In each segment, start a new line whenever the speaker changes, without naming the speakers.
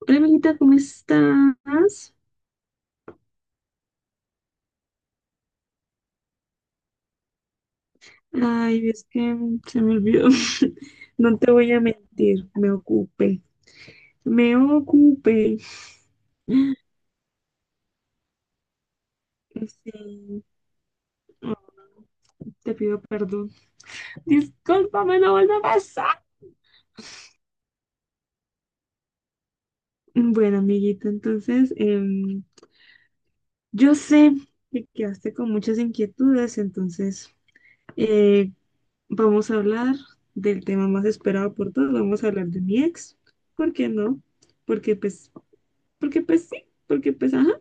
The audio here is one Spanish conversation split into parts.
Hola, amiguita, ¿cómo estás? Ay, es que se me olvidó. No te voy a mentir, me ocupé. Me ocupé. Sí, oh, te pido perdón. Discúlpame, no vuelve a pasar. Bueno, amiguita, entonces, yo sé que quedaste con muchas inquietudes, entonces, eh, vamos a hablar del tema más esperado por todos. Vamos a hablar de mi ex. ¿Por qué no? Porque, pues, porque, pues, sí. Porque, pues, ajá.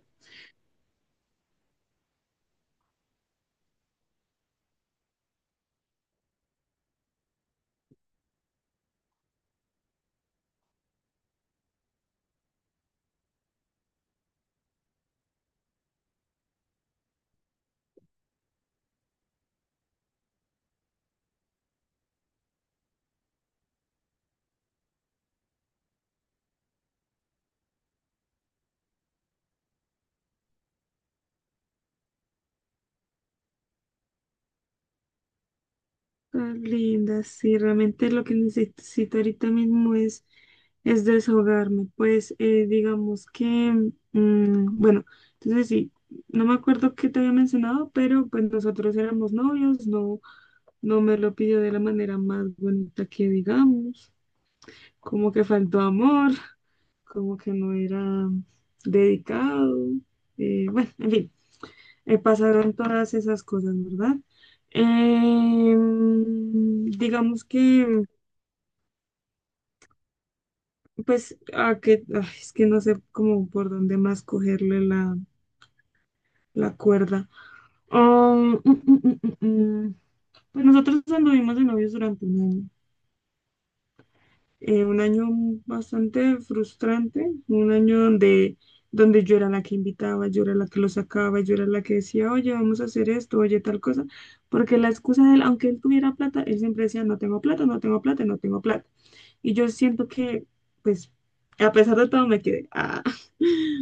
Estás linda, sí, realmente lo que necesito ahorita mismo es desahogarme. Pues digamos que, bueno, entonces sí, no me acuerdo qué te había mencionado, pero pues nosotros éramos novios, no, no me lo pidió de la manera más bonita que digamos, como que faltó amor, como que no era dedicado, bueno, en fin pasaron todas esas cosas, ¿verdad? Digamos que, pues, a que, ay, es que no sé cómo por dónde más cogerle la cuerda. Ah, mm, mm, mm, mm, mm. Pues nosotros anduvimos de novios durante un año. Un año bastante frustrante, un año donde yo era la que invitaba, yo era la que lo sacaba, yo era la que decía, oye, vamos a hacer esto, oye, tal cosa, porque la excusa de él, aunque él tuviera plata, él siempre decía, no tengo plata, no tengo plata, no tengo plata. Y yo siento que, pues, a pesar de todo me quedé,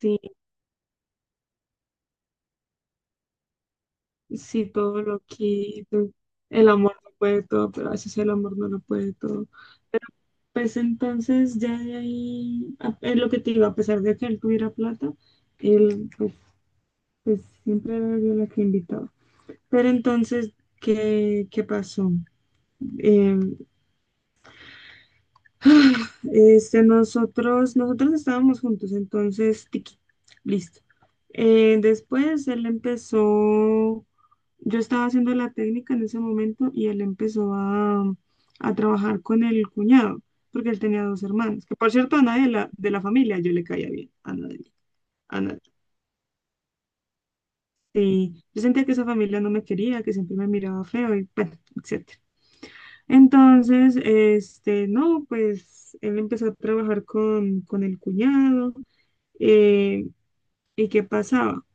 sí, sí, todo lo quito, el amor lo puede todo, pero a veces el amor no lo puede todo. Pues entonces ya de ahí, es lo que te digo, a pesar de que él tuviera plata, él pues, siempre era yo la que invitaba. Pero entonces, ¿qué pasó? Eh, este, nosotros estábamos juntos, entonces, tiki, listo. Después él empezó Yo estaba haciendo la técnica en ese momento y él empezó a trabajar con el cuñado, porque él tenía dos hermanos, que por cierto a nadie de la familia yo le caía bien, a nadie, a nadie. Y yo sentía que esa familia no me quería, que siempre me miraba feo y bueno, etcétera. Entonces, este, no, pues él empezó a trabajar con el cuñado. eh, ¿y qué pasaba?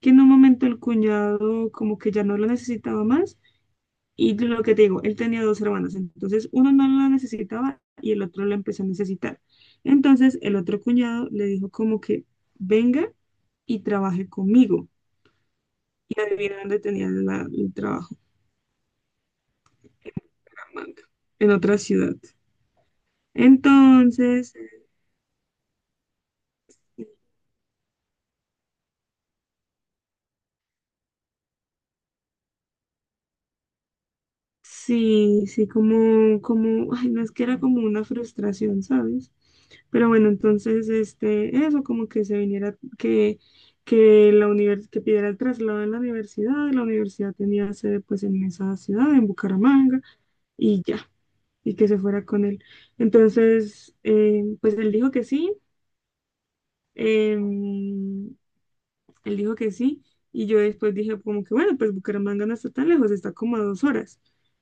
Que en un momento el cuñado como que ya no lo necesitaba más. Y lo que te digo, él tenía dos hermanas, entonces uno no la necesitaba y el otro la empezó a necesitar. Entonces el otro cuñado le dijo como que venga y trabaje conmigo. Y adivina dónde tenía el trabajo, Bucaramanga, en otra ciudad. Entonces, sí, sí, como, ay, no es que era como una frustración, ¿sabes? Pero bueno, entonces, este, eso como que se viniera, que que pidiera el traslado en la universidad tenía sede pues en esa ciudad, en Bucaramanga, y ya, y que se fuera con él. Entonces, pues él dijo que sí, eh, él dijo que sí, y yo después dije como que bueno, pues Bucaramanga no está tan lejos, está como a 2 horas.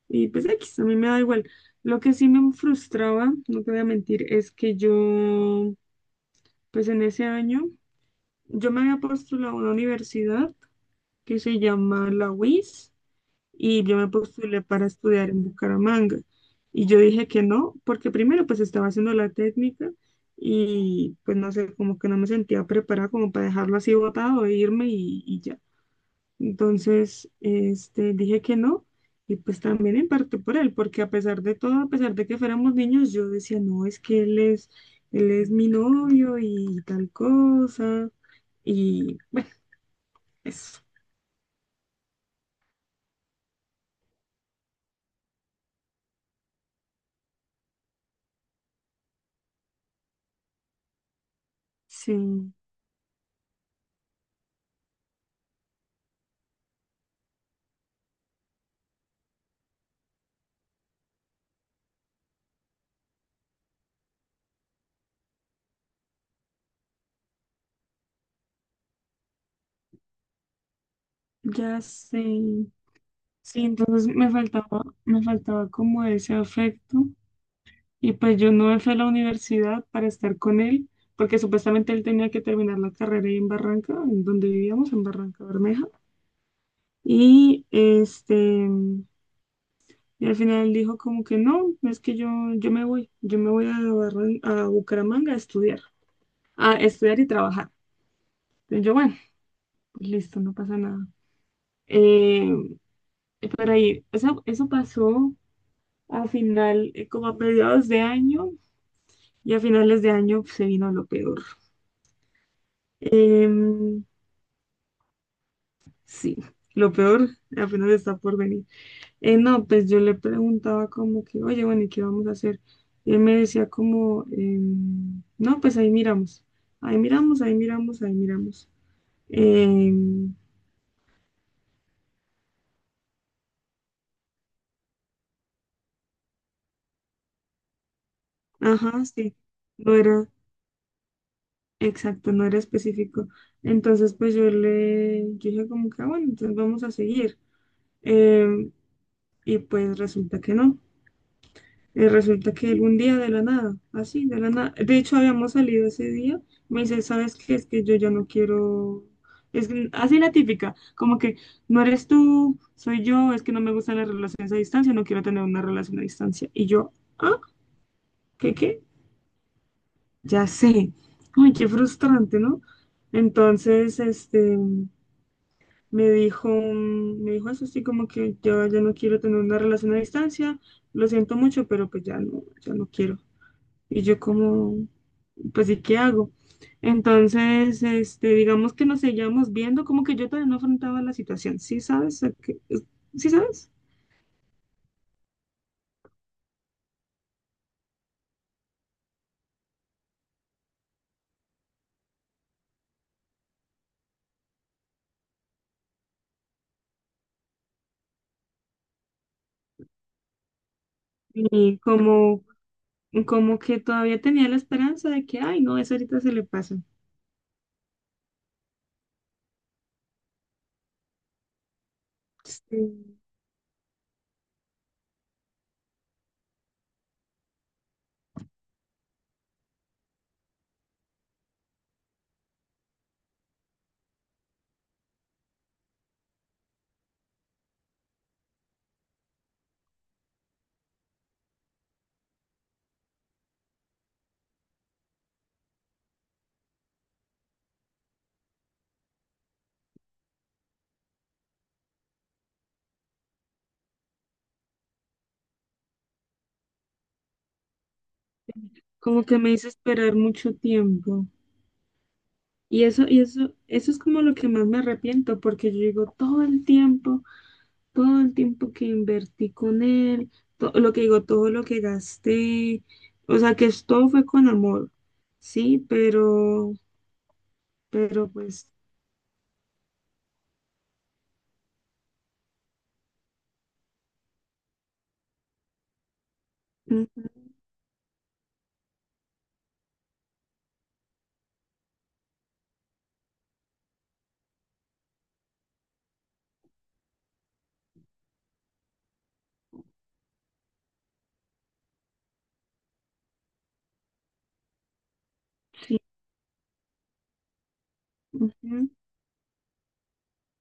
Y pues X, a mí me da igual. Lo que sí me frustraba, no te voy a mentir, es que yo, pues en ese año, yo me había postulado a una universidad que se llama la UIS, y yo me postulé para estudiar en Bucaramanga. Y yo dije que no, porque primero pues estaba haciendo la técnica y pues no sé, como que no me sentía preparada como para dejarlo así botado e irme y ya. Entonces, este, dije que no, y pues también en parte por él, porque a pesar de todo, a pesar de que fuéramos niños, yo decía, no, es que él es mi novio y tal cosa, y bueno, eso. Sí, ya sé. Sí, entonces me faltaba como ese afecto, y pues yo no me fui a la universidad para estar con él, porque supuestamente él tenía que terminar la carrera ahí en Barranca, en donde vivíamos, en Barranca Bermeja. Y este, y al final dijo como que no, es que yo me voy, yo me voy a Bucaramanga a estudiar y trabajar. Entonces yo, bueno, pues listo, no pasa nada. Eh, pero ahí, eso pasó a final, como a mediados de año, y a finales de año pues, se vino lo peor. Em, sí, lo peor apenas está por venir. No, pues yo le preguntaba como que, oye, bueno, ¿y qué vamos a hacer? Y él me decía como, no, pues ahí miramos, ahí miramos, ahí miramos, ahí miramos. Em, ajá, sí, no era exacto, no era específico. Entonces, pues yo dije como que, "Ah, bueno, entonces vamos a seguir." Em, y pues resulta que no. Resulta que él un día de la nada, así, de la nada. De hecho, habíamos salido ese día. Me dice, ¿sabes qué? Es que yo ya no quiero. Así la típica, como que no eres tú, soy yo, es que no me gustan las relaciones a distancia, no quiero tener una relación a distancia. Y yo, ah, ¿qué? Ya sé. Ay, qué frustrante, ¿no? Entonces, este, me dijo eso, así como que yo ya no quiero tener una relación a distancia, lo siento mucho, pero pues ya no, ya no quiero. Y yo como, pues, ¿y qué hago? Entonces, este, digamos que nos seguíamos viendo, como que yo todavía no afrontaba la situación, ¿sí sabes? ¿Sí sabes? Y como que todavía tenía la esperanza de que, ay, no, eso ahorita se le pasa. Sí. Como que me hizo esperar mucho tiempo. Y eso, eso es como lo que más me arrepiento, porque yo digo todo el tiempo, todo el tiempo que invertí con él, lo que digo, todo lo que gasté, o sea, que todo fue con amor, sí, pero pues, ujú, sí, ujú.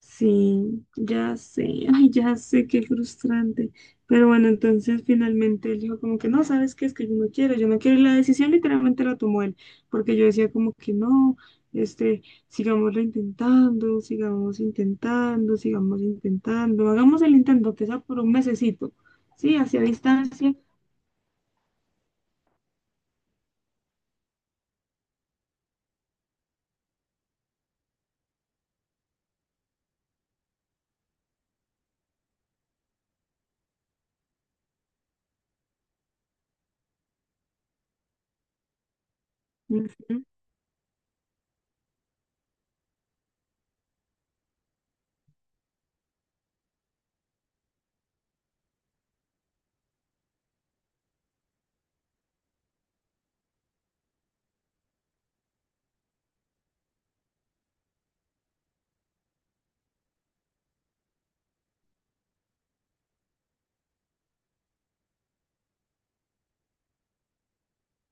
Sí, ya sé, ay, ya sé, qué frustrante. Pero bueno, entonces finalmente él dijo como que no, ¿sabes qué? Es que yo no quiero, yo no quiero. Y la decisión literalmente la tomó él, porque yo decía como que no, este, sigámoslo intentando, sigamos intentando, sigamos intentando, hagamos el intento, que sea por un mesecito, ¿sí? Hacia distancia. Ujú.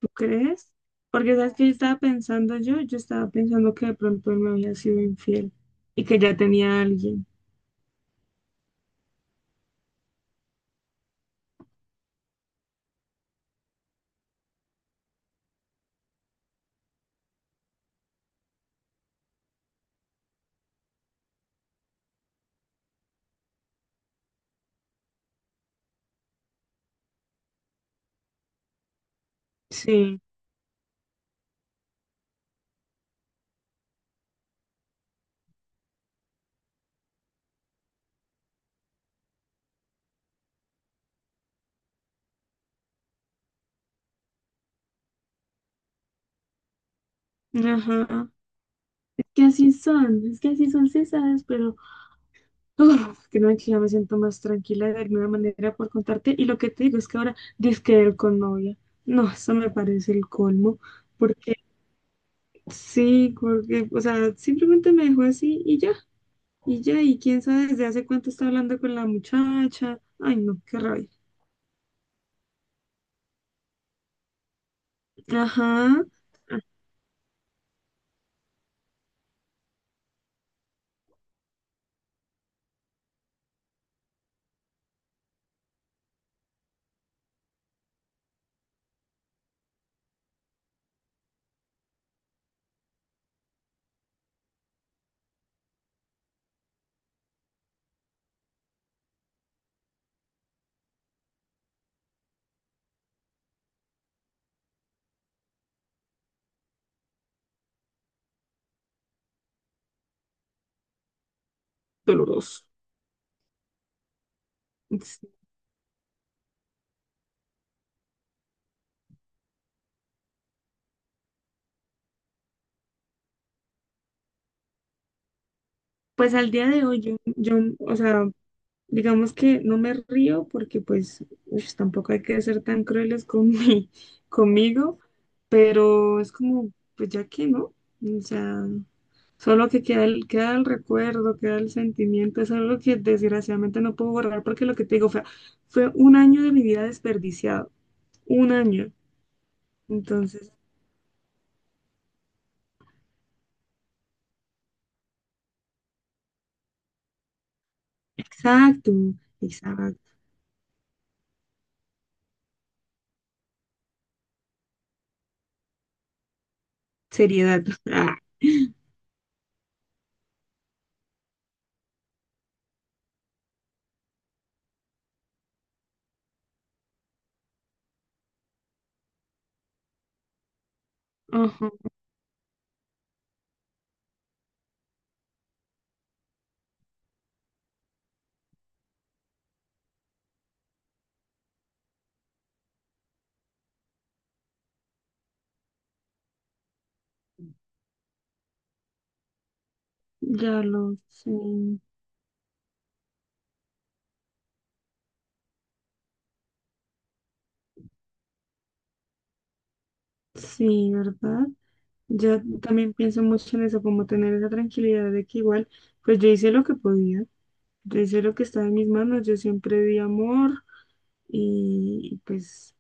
¿Tú crees? Porque sabes que yo estaba pensando que de pronto él me había sido infiel y que ya tenía a alguien. Sí. Ajá. Es que así son, es que así son cesadas, pero uf, que no, que ya me siento más tranquila de alguna manera por contarte. Y lo que te digo es que ahora dizque él con novia. No, eso me parece el colmo, porque sí, porque, o sea, simplemente me dejó así y ya, y ya, y quién sabe desde hace cuánto está hablando con la muchacha. Ay, no, qué rabia. Ajá. Ah, doloroso. Sí. Pues al día de hoy, yo, o sea, digamos que no me río porque pues ush, tampoco hay que ser tan crueles con conmigo, pero es como, pues ya que no, o sea, solo que queda el recuerdo, queda el sentimiento, es algo que desgraciadamente no puedo borrar porque lo que te digo fue un año de mi vida desperdiciado, un año. Entonces, exacto, exacto, seriedad. Ah, ajá, ya lo sé. Sí, ¿verdad? Yo también pienso mucho en eso, como tener esa tranquilidad de que igual, pues yo hice lo que podía, yo hice lo que estaba en mis manos, yo siempre di amor y pues,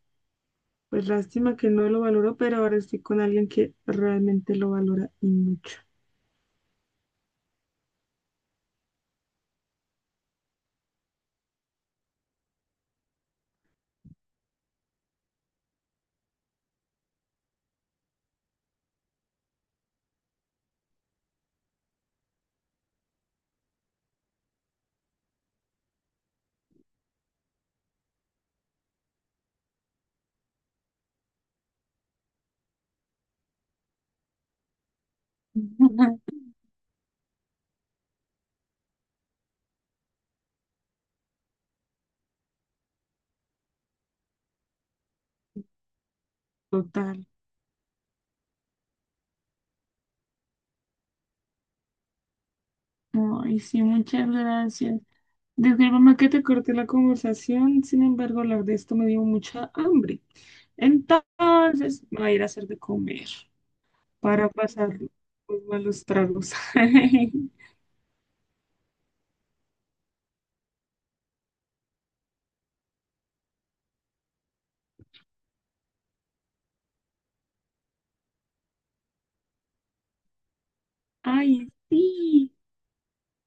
pues lástima que no lo valoró, pero ahora estoy con alguien que realmente lo valora y mucho. Total. Ay, sí, muchas gracias. Discúlpame que te corté la conversación, sin embargo, hablar de esto me dio mucha hambre. Entonces, me voy a ir a hacer de comer para pasar los malos tragos. Ay, sí,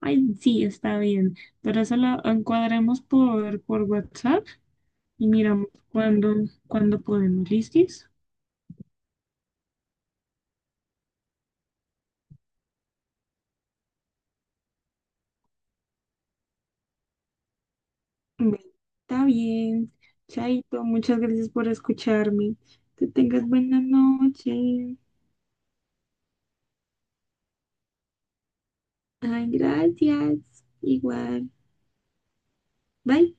ay, sí, está bien. Pero eso lo encuadremos por WhatsApp y miramos cuándo podemos. ¿Listis? Bueno, está bien. Chaito, muchas gracias por escucharme. Que tengas buena noche. Ay, gracias. Igual. Bye.